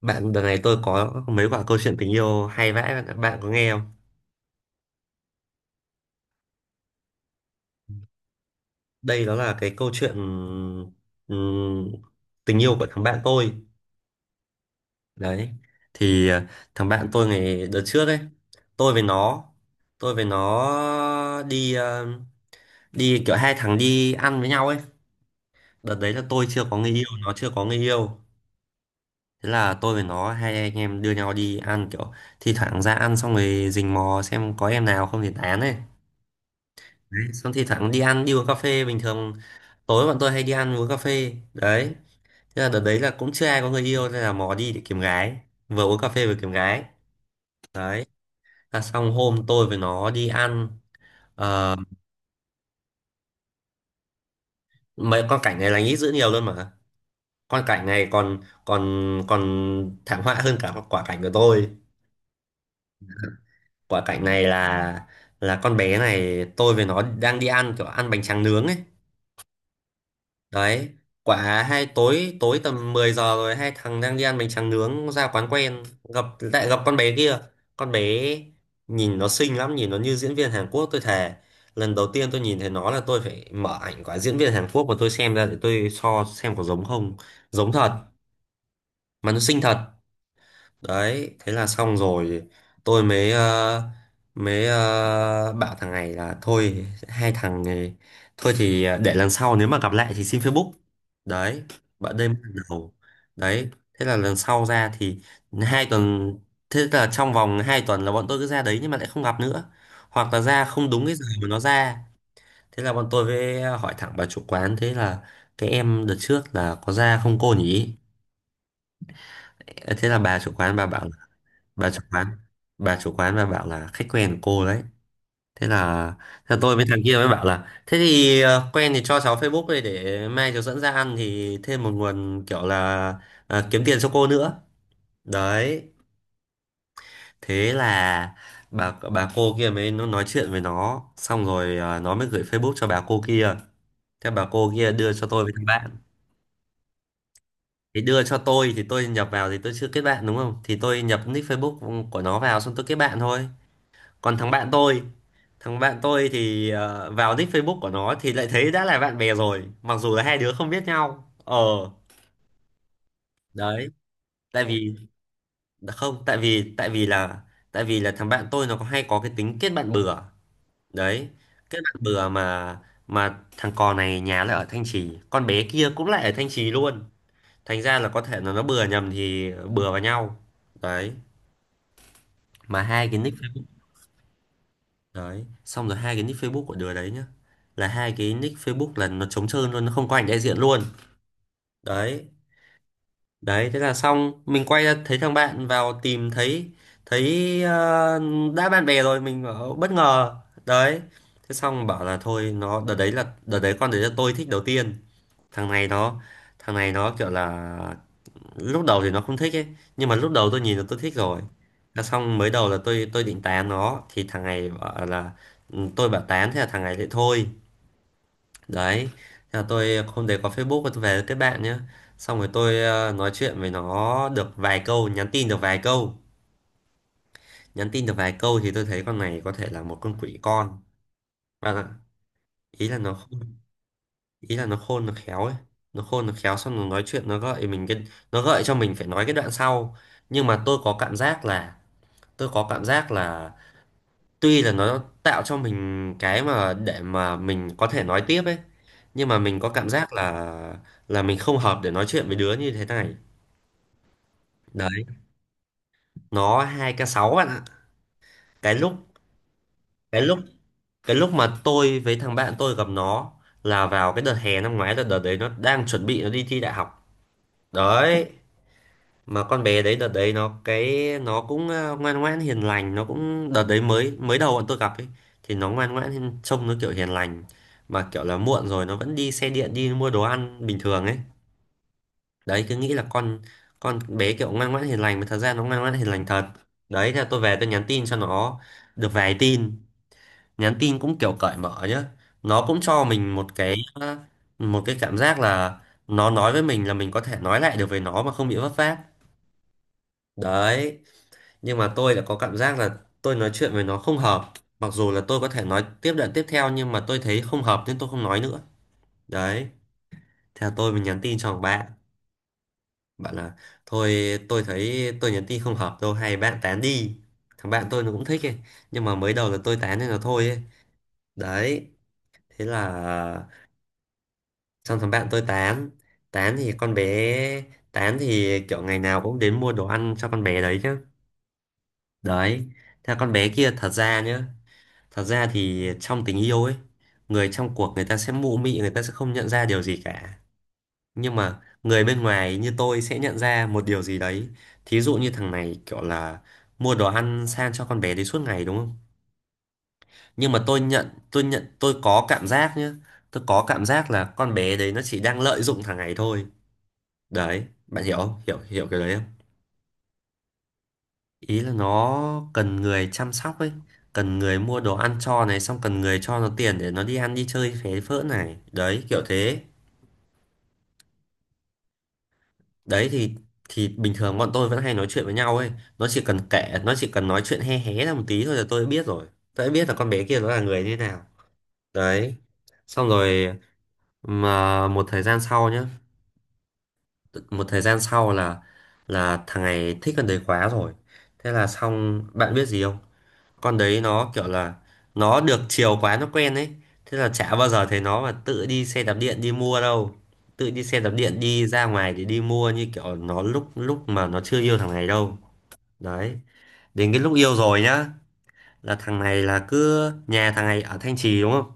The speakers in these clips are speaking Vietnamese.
Bạn đợt này tôi có mấy quả câu chuyện tình yêu hay vãi bạn, bạn có nghe không? Đây đó là cái câu chuyện ừm, tình yêu của thằng bạn tôi. Đấy. Thì thằng bạn tôi ngày đợt trước ấy, tôi với nó tôi với nó đi đi kiểu hai thằng đi ăn với nhau ấy. Đợt đấy là tôi chưa có người yêu, nó chưa có người yêu. Thế là tôi với nó hai anh em đưa nhau đi ăn, kiểu thi thoảng ra ăn xong rồi rình mò xem có em nào không thì tán ấy. Đấy, xong thì thẳng đi ăn đi uống cà phê bình thường, tối bọn tôi hay đi ăn uống cà phê đấy. Thế là đợt đấy là cũng chưa ai có người yêu nên là mò đi để kiếm gái, vừa uống cà phê vừa kiếm gái đấy. Là xong hôm tôi với nó đi ăn. Ờ, mấy con cảnh này là nghĩ dữ nhiều luôn mà. Con cảnh này còn còn còn thảm họa hơn cả quả cảnh của tôi. Quả cảnh này là con bé này tôi với nó đang đi ăn kiểu ăn bánh tráng nướng ấy. Đấy, quả hai tối, tầm 10 giờ rồi, hai thằng đang đi ăn bánh tráng nướng ra quán quen, gặp lại gặp con bé kia. Con bé nhìn nó xinh lắm, nhìn nó như diễn viên Hàn Quốc tôi thề. Lần đầu tiên tôi nhìn thấy nó là tôi phải mở ảnh quả diễn viên Hàn Quốc mà tôi xem ra để tôi so xem có giống không. Giống thật mà, nó xinh thật đấy. Thế là xong rồi tôi mới bảo thằng này là thôi, hai thằng này thôi thì để lần sau nếu mà gặp lại thì xin Facebook. Đấy, bạn đây mới lần đầu. Đấy, thế là lần sau ra thì hai tuần thế là trong vòng 2 tuần là bọn tôi cứ ra đấy nhưng mà lại không gặp nữa, hoặc là ra không đúng cái giờ mà nó ra. Thế là bọn tôi với hỏi thẳng bà chủ quán. Thế là cái em đợt trước là có ra không cô nhỉ. Ờ, thế là bà chủ quán bà bảo là, bà chủ quán bà chủ quán bà bảo là khách quen của cô đấy. Thế là tôi với thằng kia mới bảo là thế thì quen thì cho cháu Facebook đây để mai cháu dẫn ra ăn thì thêm một nguồn kiểu là kiếm tiền cho cô nữa. Đấy, thế là bà cô kia mới nó nói chuyện với nó, xong rồi nó mới gửi Facebook cho bà cô kia. Thế bà cô kia đưa cho tôi với thằng bạn. Thì đưa cho tôi thì tôi nhập vào, thì tôi chưa kết bạn đúng không, thì tôi nhập nick Facebook của nó vào xong tôi kết bạn thôi. Còn thằng bạn tôi, thì vào nick Facebook của nó thì lại thấy đã là bạn bè rồi, mặc dù là hai đứa không biết nhau. Ờ, đấy, tại vì không, tại vì là thằng bạn tôi nó có hay có cái tính kết bạn bừa. Đấy, kết bạn bừa mà, thằng cò này nhà lại ở Thanh Trì, con bé kia cũng lại ở Thanh Trì luôn. Thành ra là có thể là nó bừa nhầm thì bừa vào nhau. Đấy, mà hai cái nick đấy, xong rồi hai cái nick Facebook của đứa đấy nhá. Là hai cái nick Facebook là nó trống trơn luôn, nó không có ảnh đại diện luôn. Đấy, đấy thế là xong, mình quay ra thấy thằng bạn vào tìm thấy, thấy ờ, đã bạn bè rồi, mình bảo, bất ngờ. Đấy. Thế xong bảo là thôi, nó đợt đấy là đợt đấy con đấy là tôi thích đầu tiên. Thằng này nó, kiểu là lúc đầu thì nó không thích ấy, nhưng mà lúc đầu tôi nhìn là tôi thích rồi. Là xong mới đầu là tôi định tán nó thì thằng này bảo là ừ, tôi bảo tán, thế là thằng này lại thôi. Đấy, thế là tôi hôm đấy có Facebook và tôi về với kết bạn nhá. Xong rồi tôi nói chuyện với nó được vài câu, nhắn tin được vài câu, thì tôi thấy con này có thể là một con quỷ con. Và ý là nó khôn- ý là nó khôn nó khéo ấy. Nó khôn nó khéo xong nó nói chuyện, nó gợi mình cái, nó gợi cho mình phải nói cái đoạn sau. Nhưng mà tôi có cảm giác là, tôi có cảm giác là tuy là nó tạo cho mình cái mà để mà mình có thể nói tiếp ấy, nhưng mà mình có cảm giác là mình không hợp để nói chuyện với đứa như thế này. Đấy, nó 2k6 bạn ạ. cái lúc cái lúc cái lúc mà tôi với thằng bạn tôi gặp nó là vào cái đợt hè năm ngoái, là đợt đấy nó đang chuẩn bị nó đi thi đại học. Đấy, mà con bé đấy đợt đấy nó cái nó cũng ngoan ngoãn hiền lành. Nó cũng đợt đấy mới mới đầu bọn tôi gặp ấy thì nó trông nó kiểu hiền lành, mà kiểu là muộn rồi nó vẫn đi xe điện đi mua đồ ăn bình thường ấy. Đấy, cứ nghĩ là con bé kiểu ngoan ngoãn hiền lành, mà thật ra nó ngoan ngoãn hiền lành thật. Đấy, thế là tôi về tôi nhắn tin cho nó được vài tin, nhắn tin cũng kiểu cởi mở nhá. Nó cũng cho mình một cái một cái cảm giác là nó nói với mình là mình có thể nói lại được với nó mà không bị vấp váp. Đấy, nhưng mà tôi đã có cảm giác là tôi nói chuyện với nó không hợp. Mặc dù là tôi có thể nói tiếp đoạn tiếp theo nhưng mà tôi thấy không hợp nên tôi không nói nữa. Đấy, theo tôi mình nhắn tin cho thằng bạn, bạn là thôi tôi thấy tôi nhắn tin không hợp đâu, hay bạn tán đi. Thằng bạn tôi nó cũng thích ấy, nhưng mà mới đầu là tôi tán nên là thôi ấy. Đấy, thế là xong thằng bạn tôi tán. Tán thì con bé tán thì kiểu ngày nào cũng đến mua đồ ăn cho con bé đấy chứ. Đấy, theo con bé kia thật ra nhá. Thật ra thì trong tình yêu ấy, người trong cuộc người ta sẽ mụ mị, người ta sẽ không nhận ra điều gì cả. Nhưng mà người bên ngoài như tôi sẽ nhận ra một điều gì đấy. Thí dụ như thằng này kiểu là mua đồ ăn sang cho con bé đấy suốt ngày đúng không? Nhưng mà tôi có cảm giác nhá. Tôi có cảm giác là con bé đấy nó chỉ đang lợi dụng thằng này thôi. Đấy, bạn hiểu không? Hiểu hiểu cái đấy. Ý là nó cần người chăm sóc ấy, cần người mua đồ ăn cho này, xong cần người cho nó tiền để nó đi ăn đi chơi phế phỡ này, đấy kiểu thế. Đấy thì, bình thường bọn tôi vẫn hay nói chuyện với nhau ấy. Nó chỉ cần nói chuyện hé hé ra một tí thôi là tôi đã biết rồi. Tôi đã biết là con bé kia nó là người như thế nào. Đấy, xong rồi, mà một thời gian sau nhá, một thời gian sau là thằng này thích con đấy quá rồi. Thế là xong bạn biết gì không, con đấy nó kiểu là nó được chiều quá nó quen ấy. Thế là chả bao giờ thấy nó mà tự đi xe đạp điện đi mua đâu, tự đi xe đạp điện đi ra ngoài để đi mua như kiểu nó lúc lúc mà nó chưa yêu thằng này đâu. Đấy, đến cái lúc yêu rồi nhá, là thằng này là cứ, nhà thằng này ở Thanh Trì đúng không,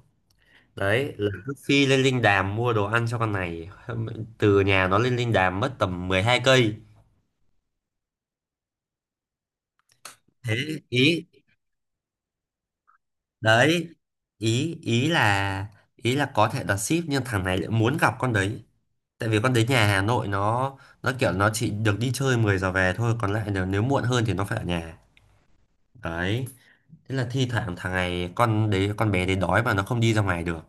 đấy là cứ phi lên Linh Đàm mua đồ ăn cho con này. Từ nhà nó lên Linh Đàm mất tầm 12 cây. Thế ý đấy ý ý là ý là có thể đặt ship nhưng thằng này lại muốn gặp con đấy. Tại vì con đến nhà Hà Nội nó kiểu nó chỉ được đi chơi 10 giờ về thôi, còn lại nếu, muộn hơn thì nó phải ở nhà. Đấy, thế là thi thoảng thằng này, con bé đấy đói mà nó không đi ra ngoài được.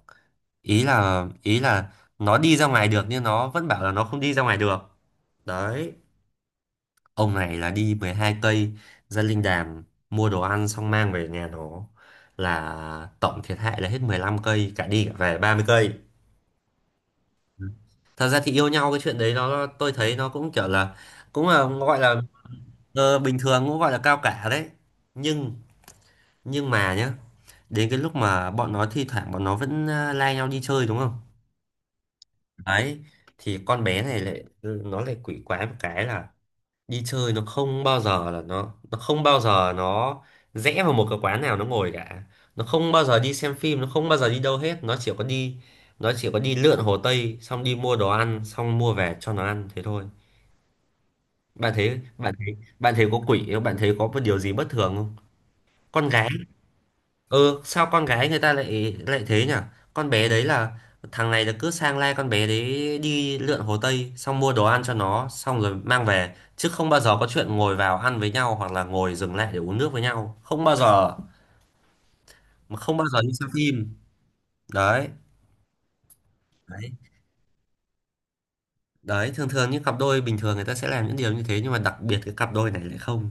Ý là nó đi ra ngoài được nhưng nó vẫn bảo là nó không đi ra ngoài được. Đấy, ông này là đi 12 cây ra Linh Đàm mua đồ ăn xong mang về nhà nó, là tổng thiệt hại là hết 15 cây, cả đi cả về 30 cây. Thật ra thì yêu nhau cái chuyện đấy nó, tôi thấy nó cũng kiểu là cũng là gọi là, bình thường, cũng gọi là cao cả đấy. Nhưng nhưng mà nhá, đến cái lúc mà bọn nó thi thoảng bọn nó vẫn lai nhau đi chơi đúng không. Đấy, thì con bé này lại nó lại quỷ quái một cái là đi chơi nó không bao giờ là nó không bao giờ nó rẽ vào một cái quán nào nó ngồi cả. Nó không bao giờ đi xem phim, nó không bao giờ đi đâu hết, nó chỉ có đi, nó chỉ có đi lượn Hồ Tây xong đi mua đồ ăn xong mua về cho nó ăn thế thôi. Bạn thấy bạn thấy có quỷ không, bạn thấy có một điều gì bất thường không? Con gái, ừ, sao con gái người ta lại lại thế nhỉ. Con bé đấy là, thằng này là cứ sang lai con bé đấy đi lượn Hồ Tây xong mua đồ ăn cho nó xong rồi mang về, chứ không bao giờ có chuyện ngồi vào ăn với nhau hoặc là ngồi dừng lại để uống nước với nhau, không bao giờ. Mà không bao giờ đi xem phim. Đấy đấy đấy, thường thường những cặp đôi bình thường người ta sẽ làm những điều như thế, nhưng mà đặc biệt cái cặp đôi này lại không.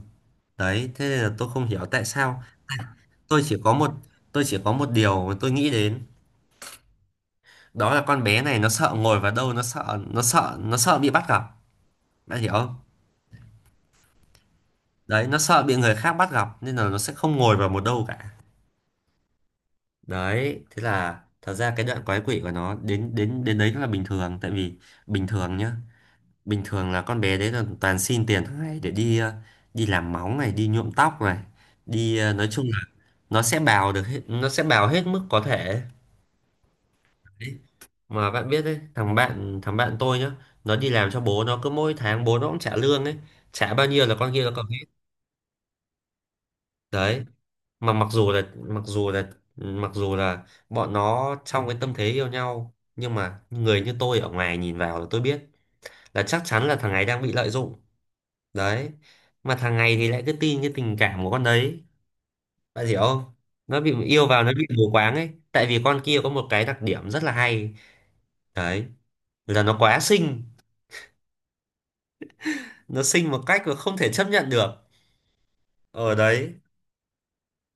Đấy, thế nên là tôi không hiểu tại sao. Tôi chỉ có một tôi chỉ có một điều mà tôi nghĩ đến, đó là con bé này nó sợ ngồi vào đâu, nó sợ bị bắt gặp. Bạn hiểu không? Đấy, nó sợ bị người khác bắt gặp nên là nó sẽ không ngồi vào một đâu cả. Đấy, thế là thật ra cái đoạn quái quỷ của nó đến đến đến đấy là bình thường, tại vì bình thường nhá. Bình thường là con bé đấy là toàn xin tiền hàng ngày để đi đi làm móng này, đi nhuộm tóc này, đi nói chung là nó sẽ bào được hết, nó sẽ bào hết mức có thể. Mà bạn biết đấy, thằng bạn tôi nhá, nó đi làm cho bố nó, cứ mỗi tháng bố nó cũng trả lương ấy, trả bao nhiêu là con kia nó cầm hết. Đấy, mà mặc dù là mặc dù là mặc dù là bọn nó trong cái tâm thế yêu nhau, nhưng mà người như tôi ở ngoài nhìn vào là tôi biết là chắc chắn là thằng này đang bị lợi dụng. Đấy, mà thằng này thì lại cứ tin cái tình cảm của con đấy. Bạn hiểu không? Nó bị yêu vào, nó bị mù quáng ấy, tại vì con kia có một cái đặc điểm rất là hay, đấy là nó quá xinh. Nó xinh một cách mà không thể chấp nhận được. Ở đấy,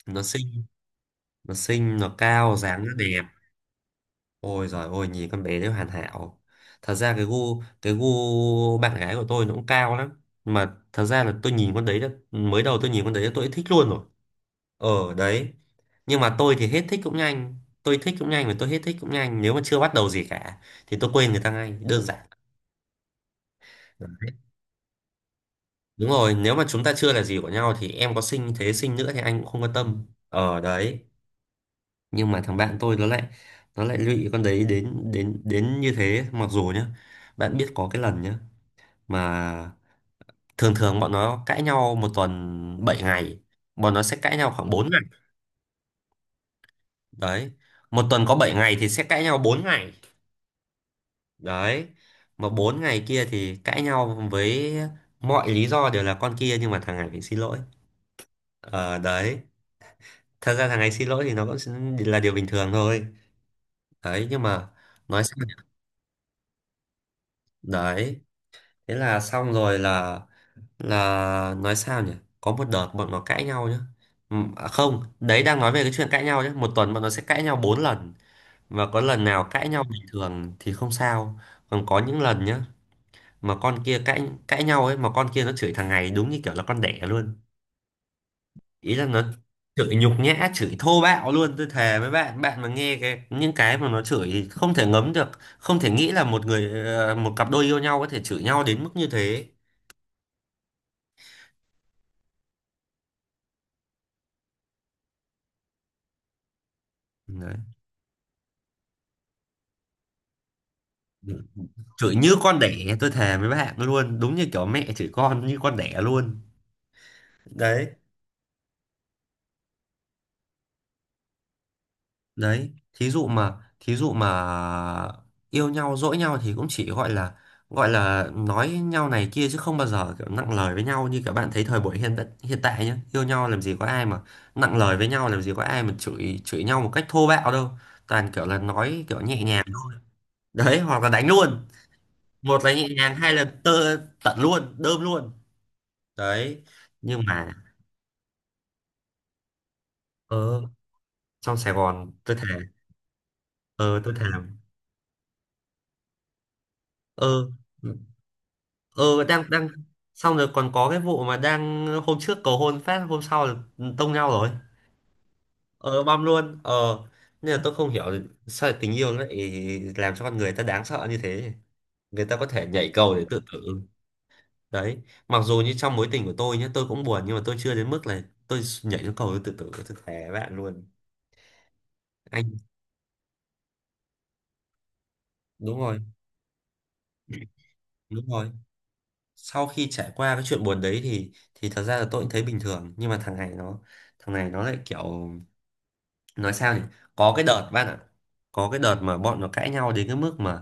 nó xinh nó xinh nó cao, dáng nó đẹp. Ôi giời ôi, nhìn con bé đấy hoàn hảo. Thật ra cái gu bạn gái của tôi nó cũng cao lắm, mà thật ra là tôi nhìn con đấy đã, mới đầu tôi nhìn con đấy đã tôi đã thích luôn rồi. Ở đấy, nhưng mà tôi thì hết thích cũng nhanh. Tôi thích cũng nhanh và tôi hết thích cũng nhanh, nếu mà chưa bắt đầu gì cả thì tôi quên người ta ngay, đơn giản. Đấy. Đúng rồi, nếu mà chúng ta chưa là gì của nhau thì em có xinh thế xinh nữa thì anh cũng không quan tâm. Ở đấy, nhưng mà thằng bạn tôi nó lại, nó lại lụy con đấy đến đến đến như thế. Mặc dù nhá, bạn biết có cái lần nhá, mà thường thường bọn nó cãi nhau một tuần 7 ngày, bọn nó sẽ cãi nhau khoảng 4 ngày. Đấy, một tuần có 7 ngày thì sẽ cãi nhau 4 ngày. Đấy, mà 4 ngày kia thì cãi nhau với mọi lý do đều là con kia, nhưng mà thằng này phải xin lỗi. Ờ Đấy, thật ra thằng này xin lỗi thì nó cũng là điều bình thường thôi. Đấy, nhưng mà nói sao nhỉ? Đấy, thế là xong rồi là nói sao nhỉ. Có một đợt bọn nó cãi nhau nhá. À không, đấy đang nói về cái chuyện cãi nhau nhá, một tuần bọn nó sẽ cãi nhau 4 lần, và có lần nào cãi nhau bình thường thì không sao. Còn có những lần nhá, mà con kia cãi cãi nhau ấy, mà con kia nó chửi thằng này đúng như kiểu là con đẻ luôn. Ý là nó chửi nhục nhã, chửi thô bạo luôn. Tôi thề với bạn, bạn mà nghe cái những cái mà nó chửi thì không thể ngấm được. Không thể nghĩ là một người một cặp đôi yêu nhau có thể chửi nhau đến mức như thế. Đấy, chửi như con đẻ, tôi thề với bạn luôn, đúng như kiểu mẹ chửi con như con đẻ luôn. Đấy đấy. Thí dụ mà thí dụ mà yêu nhau dỗi nhau thì cũng chỉ gọi là, gọi là nói nhau này kia, chứ không bao giờ kiểu nặng lời với nhau như các bạn thấy thời buổi hiện hiện tại nhá. Yêu nhau làm gì có ai mà nặng lời với nhau, làm gì có ai mà chửi chửi nhau một cách thô bạo đâu. Toàn kiểu là nói kiểu nhẹ nhàng. Đấy, hoặc là đánh luôn. Một là nhẹ nhàng, hai là tơ tận luôn, đơm luôn. Đấy, nhưng mà, ờ, trong Sài Gòn tôi thề. Ờ, tôi thề. Ờ ờ đang đang xong rồi còn có cái vụ mà đang hôm trước cầu hôn phát, hôm sau là tông nhau rồi. Ờ, băm luôn. Ờ, nên là tôi không hiểu sao lại tình yêu nó lại làm cho con người ta đáng sợ như thế. Người ta có thể nhảy cầu để tự tử. Đấy, mặc dù như trong mối tình của tôi nhé, tôi cũng buồn, nhưng mà tôi chưa đến mức là tôi nhảy xuống cầu tôi tự tử, tôi thề với bạn luôn. Anh, đúng rồi đúng rồi, sau khi trải qua cái chuyện buồn đấy thì thật ra là tôi cũng thấy bình thường, nhưng mà thằng này nó, thằng này nó lại kiểu, nói sao nhỉ. Có cái đợt bạn ạ, có cái đợt mà bọn nó cãi nhau đến cái mức mà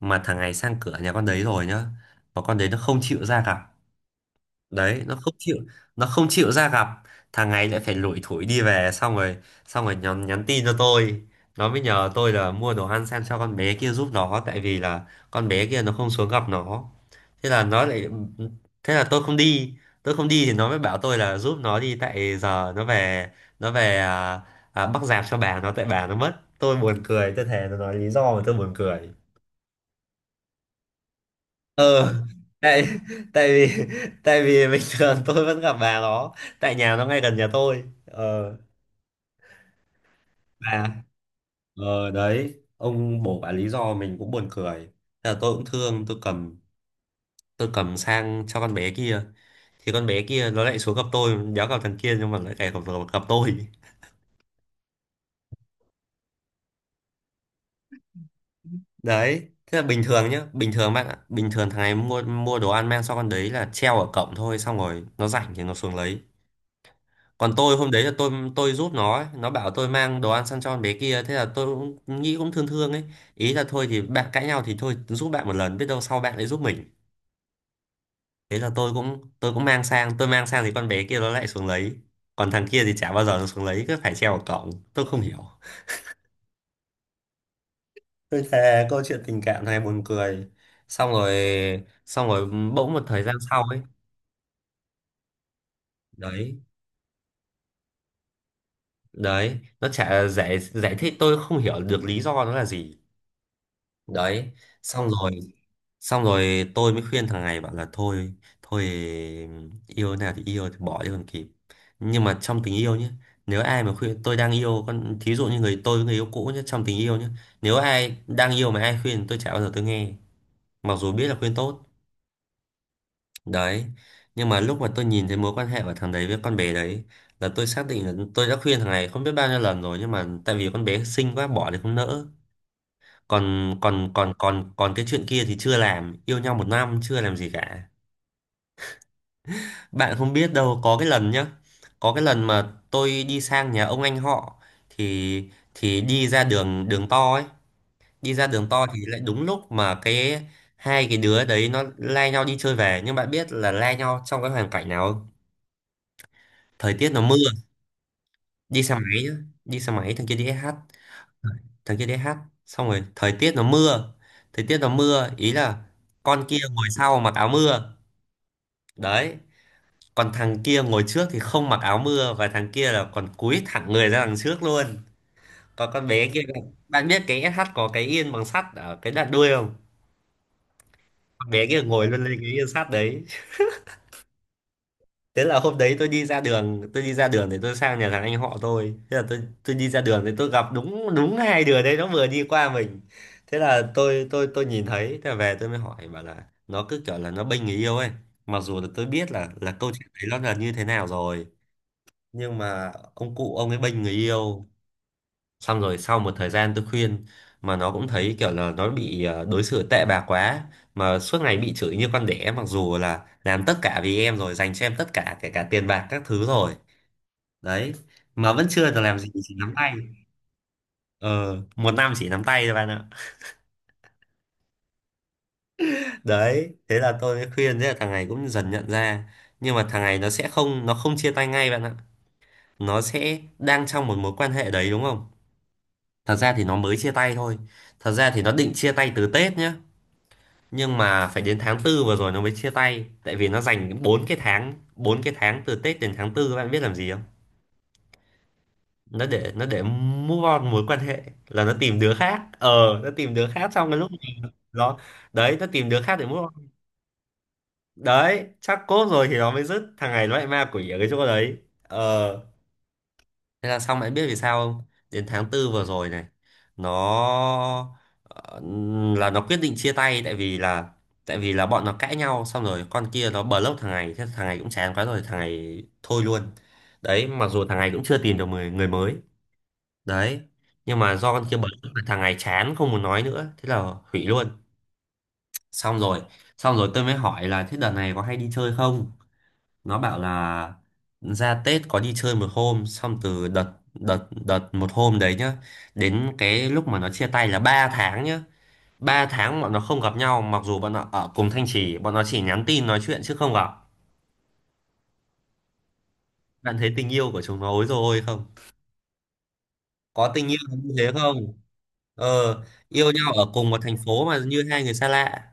mà thằng này sang cửa nhà con đấy rồi nhá, mà con đấy nó không chịu ra gặp. Đấy, nó không chịu, nó không chịu ra gặp. Thằng này lại phải lủi thủi đi về, xong rồi, xong rồi nhắn tin cho tôi. Nó mới nhờ tôi là mua đồ ăn sang cho con bé kia giúp nó, tại vì là con bé kia nó không xuống gặp nó. Thế là nó lại, thế là tôi không đi. Tôi không đi thì nó mới bảo tôi là giúp nó đi, tại giờ nó về, nó về à, bắc rạp cho bà nó, tại bà nó mất. Tôi buồn cười, tôi thề, nó nói lý do mà tôi buồn cười. ờ Tại, tại vì tại vì bình thường tôi vẫn gặp bà nó, tại nhà nó ngay gần nhà tôi. Ờ, bà, ờ đấy, ông bổ bà lý do mình cũng buồn cười. Thế là tôi cũng thương, tôi cầm, tôi cầm sang cho con bé kia, thì con bé kia nó lại xuống gặp tôi, đéo gặp thằng kia, nhưng mà lại cày gặp, gặp tôi. Đấy, thế là bình thường nhá, bình thường bạn ạ, bình thường thằng này mua mua đồ ăn mang cho con đấy là treo ở cổng thôi, xong rồi nó rảnh thì nó xuống lấy. Còn tôi hôm đấy là tôi giúp nó ấy. Nó bảo tôi mang đồ ăn sang cho con bé kia. Thế là tôi cũng nghĩ, cũng thương thương ấy, ý là thôi thì bạn cãi nhau thì thôi, giúp bạn một lần biết đâu sau bạn lại giúp mình. Thế là tôi cũng mang sang thì con bé kia nó lại xuống lấy, còn thằng kia thì chả bao giờ nó xuống lấy, cứ phải treo vào cổng, tôi không hiểu. Tôi thề câu chuyện tình cảm này buồn cười. Xong rồi xong rồi bỗng một thời gian sau ấy. Đấy đấy nó chả giải giải thích, tôi không hiểu được lý do nó là gì. Đấy. Xong rồi xong rồi tôi mới khuyên thằng này bảo là thôi, thôi, yêu thế nào thì yêu thì bỏ đi còn kịp. Nhưng mà trong tình yêu nhé, nếu ai mà khuyên tôi đang yêu con, thí dụ như người tôi với người yêu cũ nhé, trong tình yêu nhé, nếu ai đang yêu mà ai khuyên tôi chả bao giờ tôi nghe, mặc dù biết là khuyên tốt. Đấy. Nhưng mà lúc mà tôi nhìn thấy mối quan hệ của thằng đấy với con bé đấy là tôi xác định là tôi đã khuyên thằng này không biết bao nhiêu lần rồi, nhưng mà tại vì con bé xinh quá, bỏ thì không nỡ. Còn còn còn còn còn cái chuyện kia thì chưa làm, yêu nhau một năm chưa làm gì cả. Bạn không biết đâu, có cái lần nhá, có cái lần mà tôi đi sang nhà ông anh họ, thì đi ra đường đường to ấy. Đi ra đường to thì lại đúng lúc mà cái hai cái đứa đấy nó lai nhau đi chơi về. Nhưng bạn biết là lai nhau trong cái hoàn cảnh nào không? Thời tiết nó mưa. Đi xe máy nhá. Đi xe máy thằng kia đi SH. Xong rồi thời tiết nó mưa, ý là con kia ngồi sau mặc áo mưa. Đấy. Còn thằng kia ngồi trước thì không mặc áo mưa, và thằng kia là còn cúi thẳng người ra đằng trước luôn. Còn con bé kia, bạn biết cái SH có cái yên bằng sắt ở cái đoạn đuôi không? Con bé kia ngồi luôn lên cái yên sắt đấy. Thế là hôm đấy tôi đi ra đường để tôi sang nhà thằng anh họ tôi. Thế là tôi đi ra đường thì tôi gặp đúng đúng hai đứa đấy nó vừa đi qua mình. Thế là tôi nhìn thấy, thế là về tôi mới hỏi, bảo là nó cứ kiểu là nó bênh người yêu ấy, mặc dù là tôi biết là câu chuyện đấy nó là như thế nào rồi. Nhưng mà ông cụ ông ấy bênh người yêu. Xong rồi sau một thời gian tôi khuyên mà nó cũng thấy kiểu là nó bị đối xử tệ bạc quá, mà suốt ngày bị chửi như con đẻ, mặc dù là làm tất cả vì em rồi, dành cho em tất cả, kể cả tiền bạc các thứ rồi. Đấy. Mà vẫn chưa được làm gì, chỉ nắm tay. Ờ, một năm chỉ nắm tay thôi bạn ạ. Đấy, thế là tôi mới khuyên, thế là thằng này cũng dần nhận ra. Nhưng mà thằng này nó sẽ không, nó không chia tay ngay bạn ạ. Nó sẽ đang trong một mối quan hệ đấy đúng không. Thật ra thì nó mới chia tay thôi. Thật ra thì nó định chia tay từ Tết nhá. Nhưng mà phải đến tháng tư vừa rồi nó mới chia tay. Tại vì nó dành 4 cái tháng từ Tết đến tháng tư các bạn biết làm gì không? Nó để, nó để move on mối quan hệ, là nó tìm đứa khác. Ờ, nó tìm đứa khác trong cái lúc nó, đấy, nó tìm đứa khác để move on. Đấy, chắc cốt rồi thì nó mới dứt. Thằng này nó lại ma quỷ ở cái chỗ đấy. Ờ. Thế là xong, em biết vì sao không? Đến tháng tư vừa rồi này nó, ờ, là nó quyết định chia tay, tại vì là, tại vì là bọn nó cãi nhau xong rồi con kia nó block thằng này, thế thằng này cũng chán quá rồi, thằng này thôi luôn. Đấy, mặc dù thằng này cũng chưa tìm được người người mới. Đấy. Nhưng mà do con kia block mà thằng này chán không muốn nói nữa, thế là hủy luôn. Xong rồi, xong rồi tôi mới hỏi là thế đợt này có hay đi chơi không? Nó bảo là ra Tết có đi chơi một hôm, xong từ đợt đợt đợt một hôm đấy nhá, đến cái lúc mà nó chia tay là 3 tháng nhá. Ba tháng bọn nó không gặp nhau mặc dù bọn nó ở cùng Thanh Trì, bọn nó chỉ nhắn tin nói chuyện chứ không gặp. Bạn thấy tình yêu của chúng nó ối rồi, ôi không, có tình yêu như thế không? Ờ, yêu nhau ở cùng một thành phố mà như hai người xa lạ.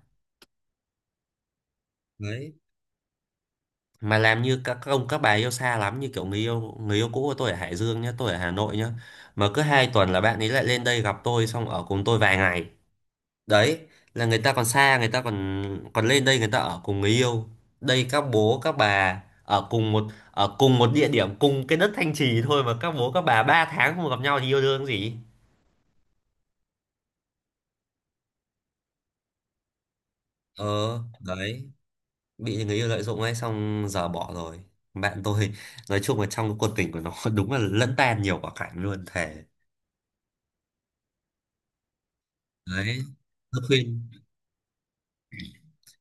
Đấy, mà làm như các ông các bà yêu xa lắm, như kiểu người yêu, người yêu cũ của tôi ở Hải Dương nhá, tôi ở Hà Nội nhá, mà cứ hai tuần là bạn ấy lại lên đây gặp tôi xong ở cùng tôi vài ngày. Đấy, là người ta còn xa, người ta còn, còn lên đây người ta ở cùng người yêu. Đây các bố các bà ở cùng một, ở cùng một địa điểm, cùng cái đất Thanh Trì thôi mà các bố các bà ba tháng không gặp nhau thì yêu đương gì. Ờ. Đấy, bị người yêu lợi dụng ấy, xong giờ bỏ rồi. Bạn tôi nói chung là trong cái cuộc tình của nó đúng là lẫn tan nhiều quả cảnh luôn, thề. Đấy, nó khuyên.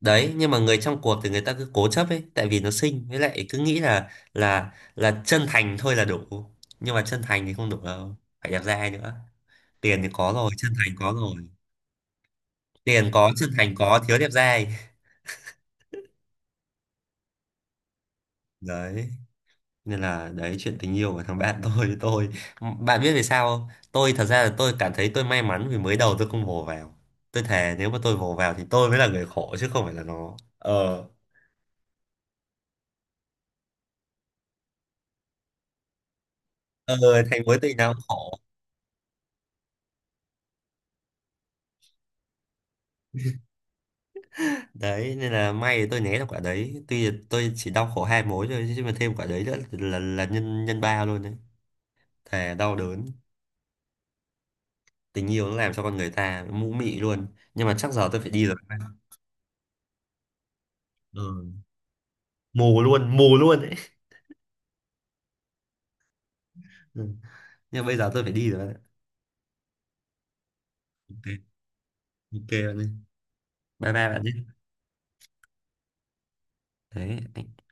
Đấy, nhưng mà người trong cuộc thì người ta cứ cố chấp ấy, tại vì nó xinh, với lại cứ nghĩ là là chân thành thôi là đủ. Nhưng mà chân thành thì không đủ đâu, phải đẹp trai nữa. Tiền thì có rồi, chân thành có rồi. Tiền có, chân thành có, thiếu đẹp trai. Đấy, nên là đấy chuyện tình yêu của thằng bạn tôi. Bạn biết vì sao không? Tôi thật ra là tôi cảm thấy tôi may mắn vì mới đầu tôi không vồ vào. Tôi thề nếu mà tôi vồ vào thì tôi mới là người khổ chứ không phải là nó. Ờ. Ờ, thành mối tình nào cũng khổ. Đấy, nên là may tôi né được quả đấy, tuy là tôi chỉ đau khổ hai mối thôi chứ mà thêm quả đấy nữa là nhân nhân ba luôn đấy. Thề, đau đớn. Tình yêu nó làm cho con người ta mũ mị luôn. Nhưng mà chắc giờ tôi phải đi rồi. Ừ. Mù luôn, mù luôn đấy. Ừ. Nhưng mà bây giờ tôi phải đi rồi bạn ạ. Ok. Ok. Bạn ơi, bye bye bạn nhé. Đấy.